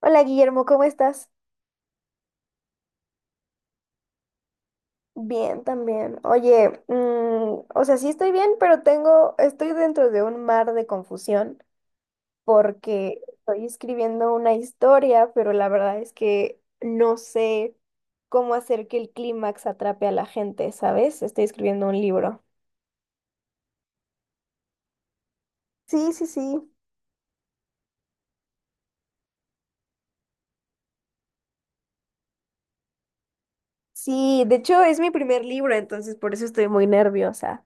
Hola Guillermo, ¿cómo estás? Bien, también. Oye, o sea, sí estoy bien, pero estoy dentro de un mar de confusión porque estoy escribiendo una historia, pero la verdad es que no sé cómo hacer que el clímax atrape a la gente, ¿sabes? Estoy escribiendo un libro. Sí, sí, sí. Sí, de hecho es mi primer libro, entonces por eso estoy muy nerviosa.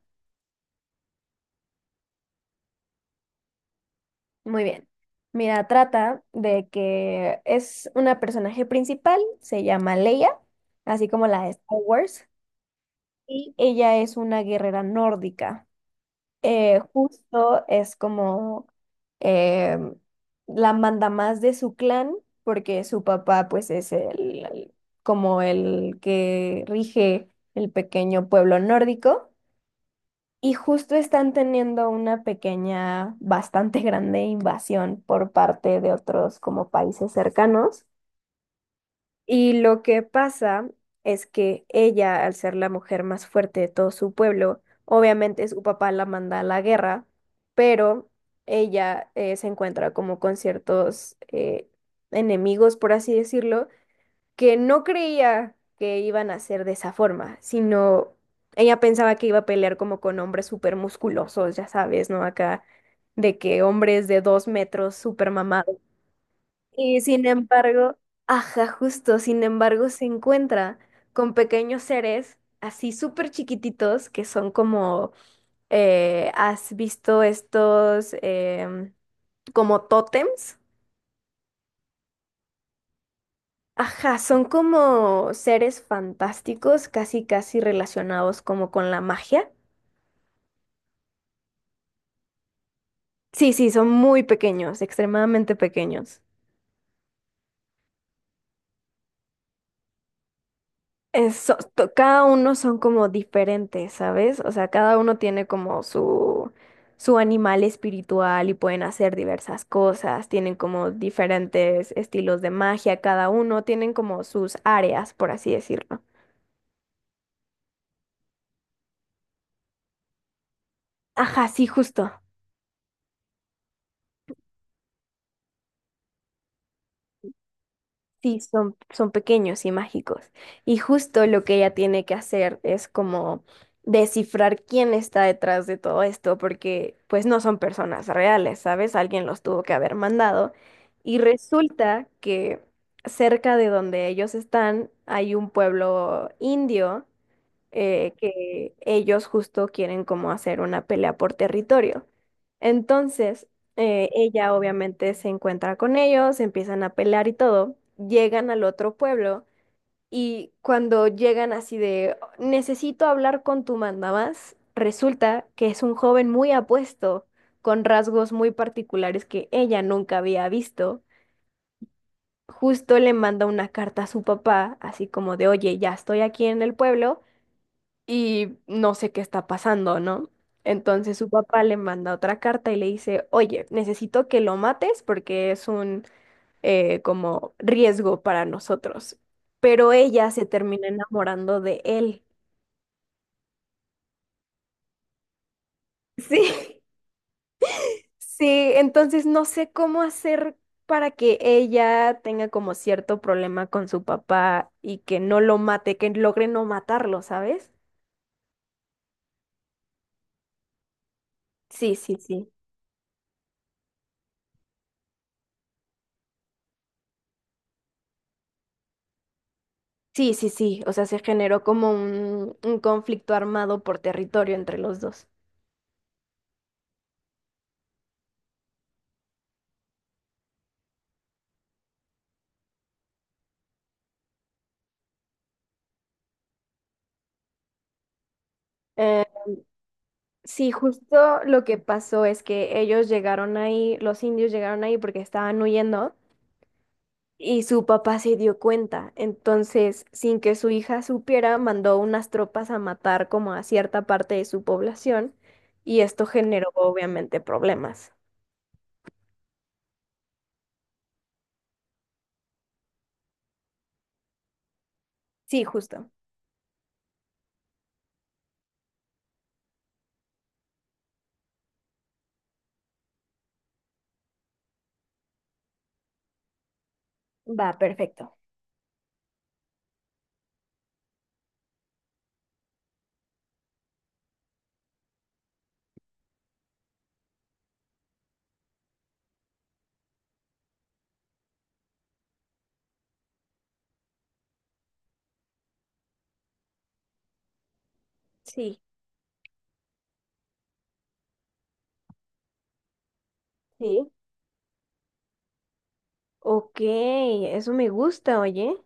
Muy bien. Mira, trata de que es una personaje principal, se llama Leia, así como la de Star Wars, y ella es una guerrera nórdica. Justo es como eh, la mandamás de su clan, porque su papá pues es como el que rige el pequeño pueblo nórdico. Y justo están teniendo una pequeña, bastante grande invasión por parte de otros como países cercanos. Y lo que pasa es que ella, al ser la mujer más fuerte de todo su pueblo, obviamente su papá la manda a la guerra, pero ella se encuentra como con ciertos enemigos, por así decirlo, que no creía que iban a ser de esa forma, sino ella pensaba que iba a pelear como con hombres súper musculosos, ya sabes, ¿no? Acá, de que hombres de dos metros súper mamados. Y sin embargo, ajá, justo, sin embargo, se encuentra con pequeños seres así súper chiquititos que son como, ¿has visto estos como tótems? Ajá, son como seres fantásticos, casi casi relacionados como con la magia. Sí, sí, son muy pequeños, extremadamente pequeños. Cada uno son como diferentes, ¿sabes? O sea, cada uno tiene como su animal espiritual y pueden hacer diversas cosas, tienen como diferentes estilos de magia, cada uno tienen como sus áreas, por así decirlo. Ajá, sí, justo. Sí, son pequeños y mágicos. Y justo lo que ella tiene que hacer es como descifrar quién está detrás de todo esto, porque pues no son personas reales, ¿sabes? Alguien los tuvo que haber mandado. Y resulta que cerca de donde ellos están hay un pueblo indio que ellos justo quieren como hacer una pelea por territorio. Entonces, ella obviamente se encuentra con ellos, empiezan a pelear y todo, llegan al otro pueblo y cuando llegan así de, necesito hablar con tu mandamás, resulta que es un joven muy apuesto, con rasgos muy particulares que ella nunca había visto. Justo le manda una carta a su papá, así como de, oye, ya estoy aquí en el pueblo y no sé qué está pasando, ¿no? Entonces su papá le manda otra carta y le dice, oye, necesito que lo mates porque es un como riesgo para nosotros. Pero ella se termina enamorando de él. Sí. Sí, entonces no sé cómo hacer para que ella tenga como cierto problema con su papá y que no lo mate, que logre no matarlo, ¿sabes? Sí, sí, sí. Sí, sí, sí, o sea, se generó como un conflicto armado por territorio entre los dos. Eh, sí, justo lo que pasó es que ellos llegaron ahí, los indios llegaron ahí porque estaban huyendo y su papá se dio cuenta. Entonces, sin que su hija supiera, mandó unas tropas a matar como a cierta parte de su población y esto generó obviamente problemas. Sí, justo. Va, perfecto. Sí, sí. Ok, eso me gusta, oye.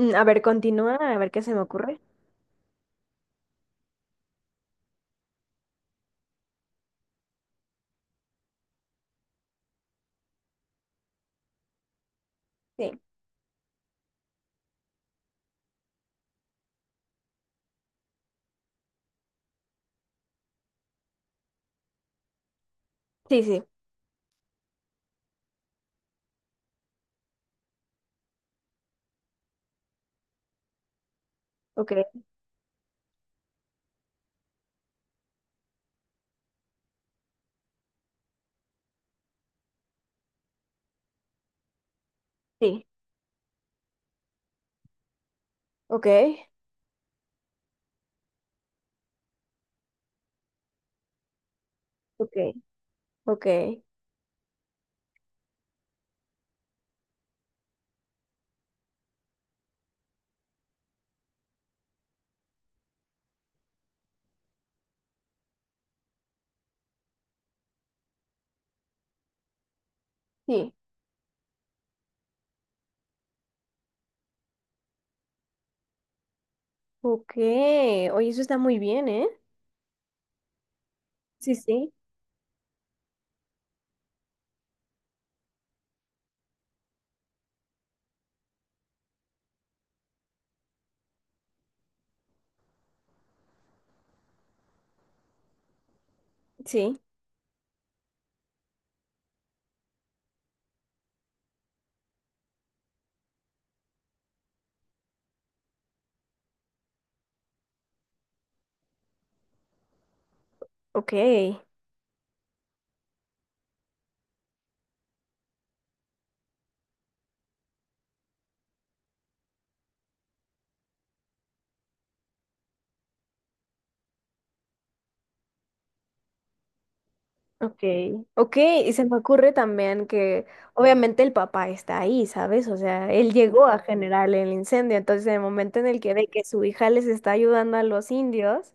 Mm, a ver, continúa, a ver qué se me ocurre. Sí, sí, sí, ok, sí, ok, ok, ok, sí, ok. Oye, eso está muy bien, ¿eh? Sí, sí, sí, ok, ok, ok. Y se me ocurre también que obviamente el papá está ahí, ¿sabes? O sea, él llegó a generar el incendio, entonces en el momento en el que ve que su hija les está ayudando a los indios.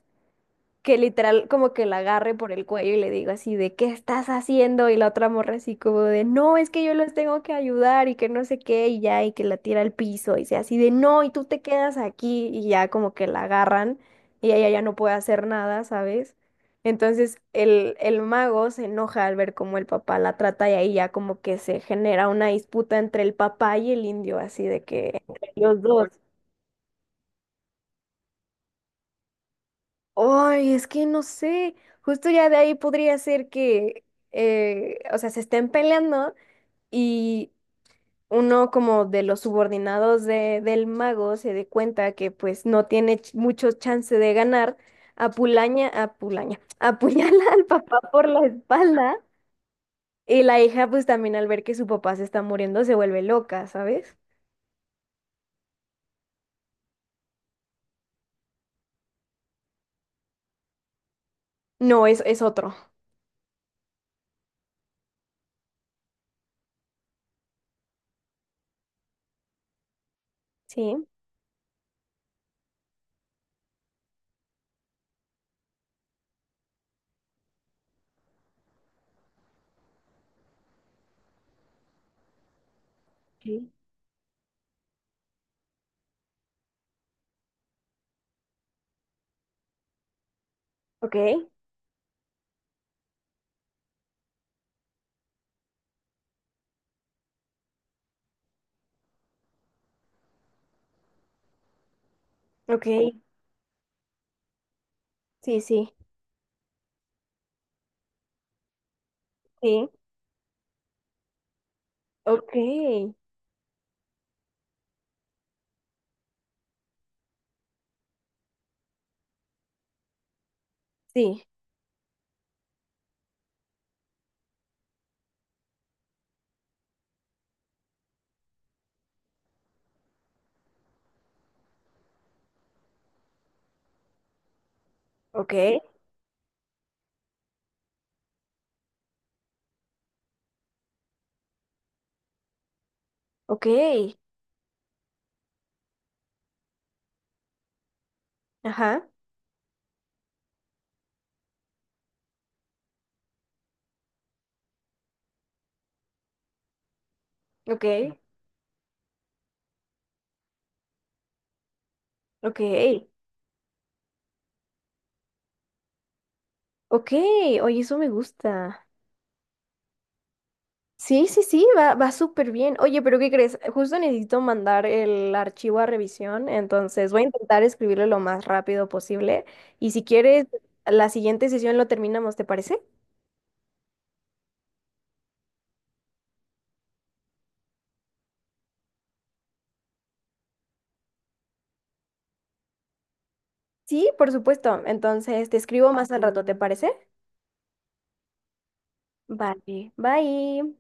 Que literal como que la agarre por el cuello y le digo así de ¿qué estás haciendo? Y la otra morra así como de no, es que yo los tengo que ayudar y que no sé qué y ya y que la tira al piso y sea así de no y tú te quedas aquí y ya como que la agarran y ella ya no puede hacer nada, ¿sabes? Entonces el mago se enoja al ver cómo el papá la trata y ahí ya como que se genera una disputa entre el papá y el indio, así de que entre los dos. Ay, es que no sé, justo ya de ahí podría ser que, o sea, se estén peleando y uno como de los subordinados de, del mago se dé cuenta que pues no tiene mucho chance de ganar, apuñala al papá por la espalda y la hija pues también al ver que su papá se está muriendo se vuelve loca, ¿sabes? No, es otro. Sí. Sí. Ok, ok, sí, sí, sí, ok, sí. Ok, ok, ajá, ok, ok, ok, oye, eso me gusta. Sí, sí, sí, va, va súper bien. Oye, pero ¿qué crees? Justo necesito mandar el archivo a revisión, entonces voy a intentar escribirlo lo más rápido posible. Y si quieres, la siguiente sesión lo terminamos, ¿te parece? Sí, por supuesto. Entonces te escribo más al rato, ¿te parece? Vale, bye.